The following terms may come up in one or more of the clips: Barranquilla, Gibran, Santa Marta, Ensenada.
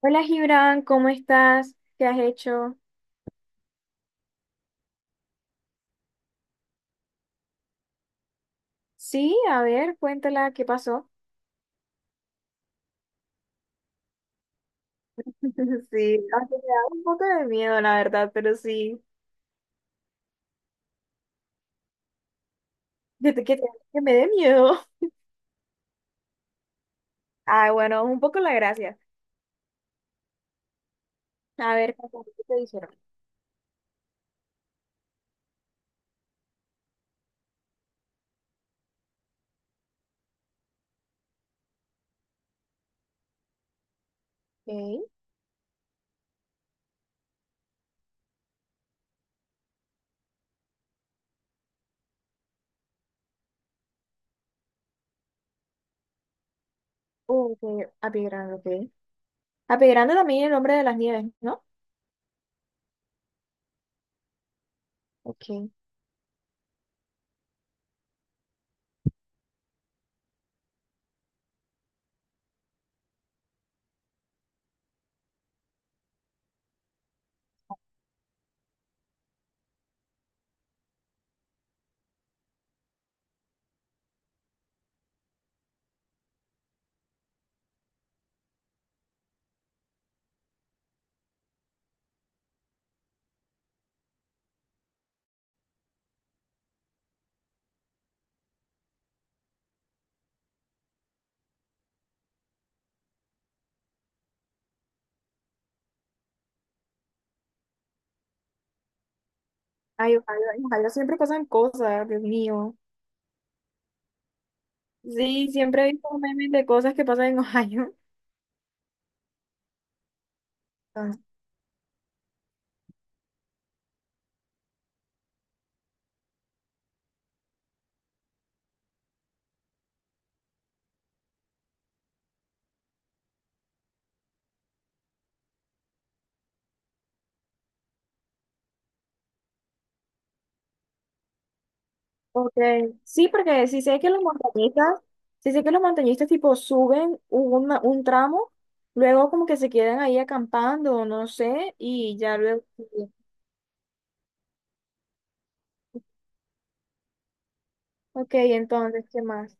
Hola Gibran, ¿cómo estás? ¿Qué has hecho? Sí, a ver, cuéntala, ¿qué pasó? Sí, aunque me da un poco de miedo, la verdad, pero sí, que, te- que, te- que me dé miedo. Ah, bueno, un poco la gracia. A ver, cuéntame, ¿qué te dijeron? Ok. ¿Que Apigrando? Ok. Apigrando también, el hombre de las nieves, ¿no? Ok. Ay, ojalá, ojalá siempre pasan cosas, Dios mío. Sí, siempre he visto memes de cosas que pasan en Ohio. Ok. Sí, porque sí sé que los montañistas, sí sé que los montañistas tipo suben un tramo, luego como que se quedan ahí acampando o no sé, y ya luego. Ok, entonces, ¿qué más?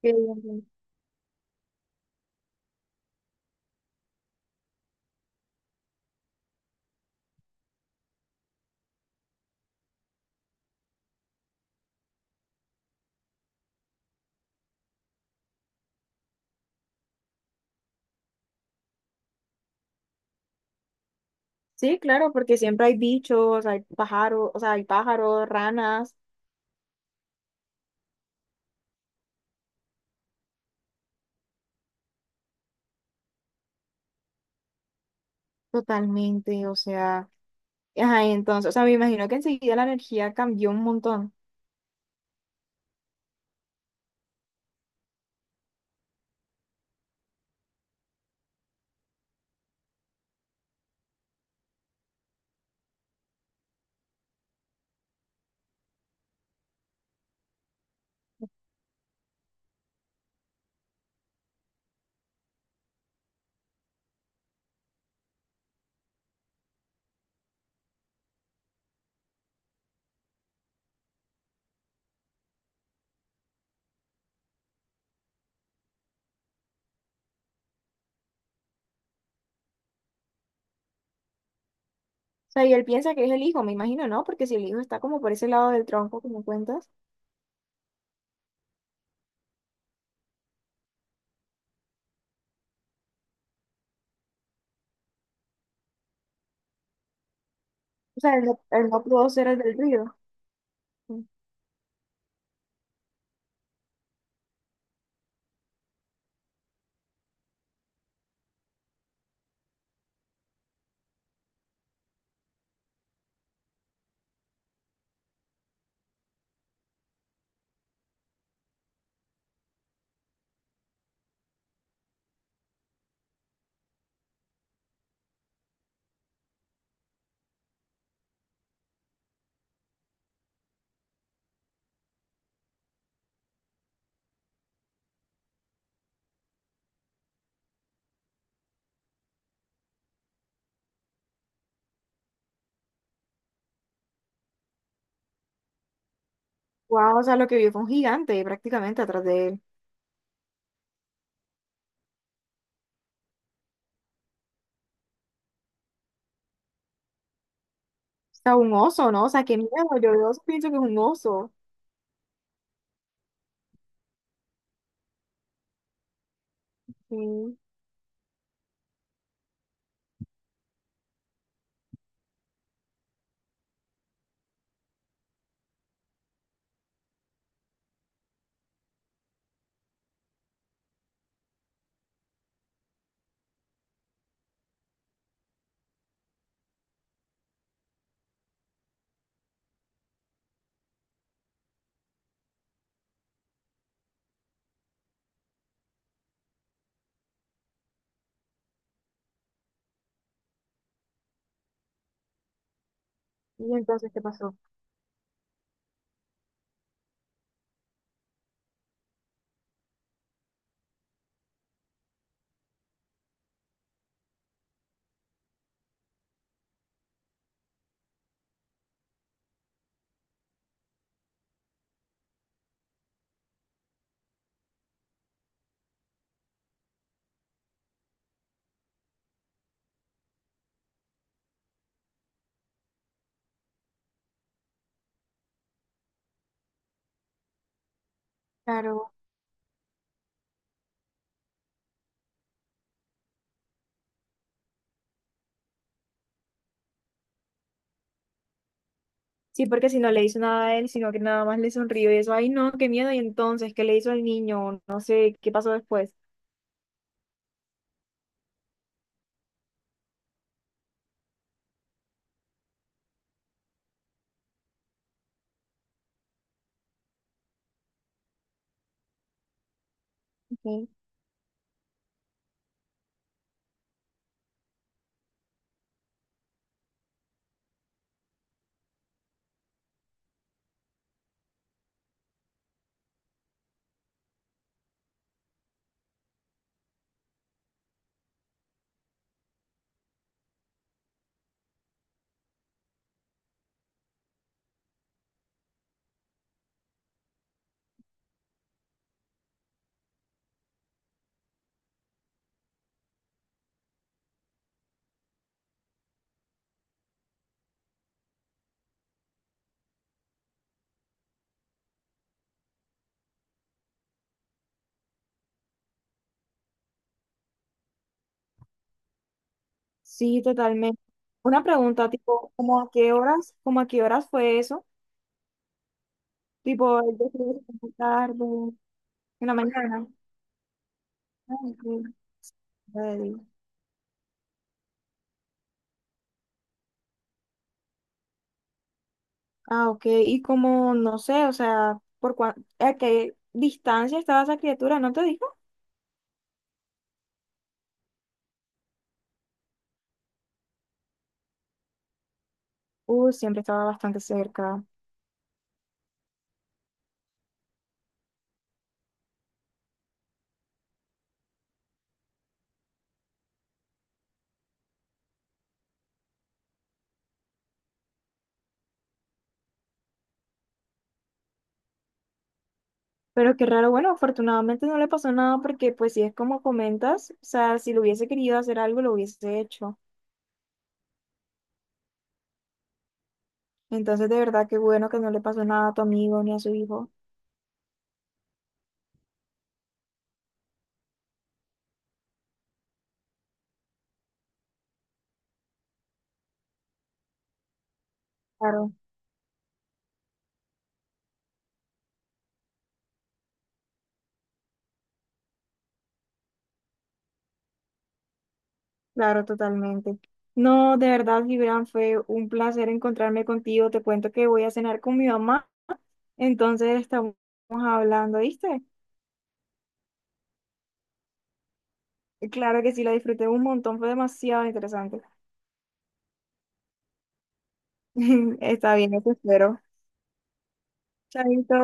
¿Qué? Sí, claro, porque siempre hay bichos, hay pájaros, o sea, hay pájaros, ranas, totalmente, o sea, ajá, entonces, o sea, me imagino que enseguida la energía cambió un montón. O sea, y él piensa que es el hijo, me imagino, ¿no? Porque si el hijo está como por ese lado del tronco, como cuentas. O sea, el otro era del río. Wow, o sea, lo que vio fue un gigante prácticamente atrás de él. O sea, un oso, ¿no? O sea, qué miedo. Yo veo eso, pienso que es un oso. Sí. Y entonces, ¿qué pasó? Claro. Sí, porque si no le hizo nada a él, sino que nada más le sonrió y eso, ay, no, qué miedo. Y entonces, ¿qué le hizo al niño? No sé, ¿qué pasó después? Ok. Sí, totalmente. Una pregunta, tipo, ¿cómo a qué horas, cómo a qué horas fue eso? Tipo, ¿el tarde, en la mañana? Ay, sí. Ah, ok. Y como, no sé, o sea, ¿a qué distancia estaba esa criatura? ¿No te dijo? Siempre estaba bastante cerca. Pero qué raro, bueno, afortunadamente no le pasó nada, porque pues si es como comentas, o sea, si lo hubiese querido hacer algo, lo hubiese hecho. Entonces, de verdad, qué bueno que no le pasó nada a tu amigo ni a su hijo. Claro, claro, totalmente. No, de verdad, Gibran, fue un placer encontrarme contigo. Te cuento que voy a cenar con mi mamá, entonces estamos hablando, ¿viste? Claro que sí, lo disfruté un montón, fue demasiado interesante. Está bien, eso espero. Chaito.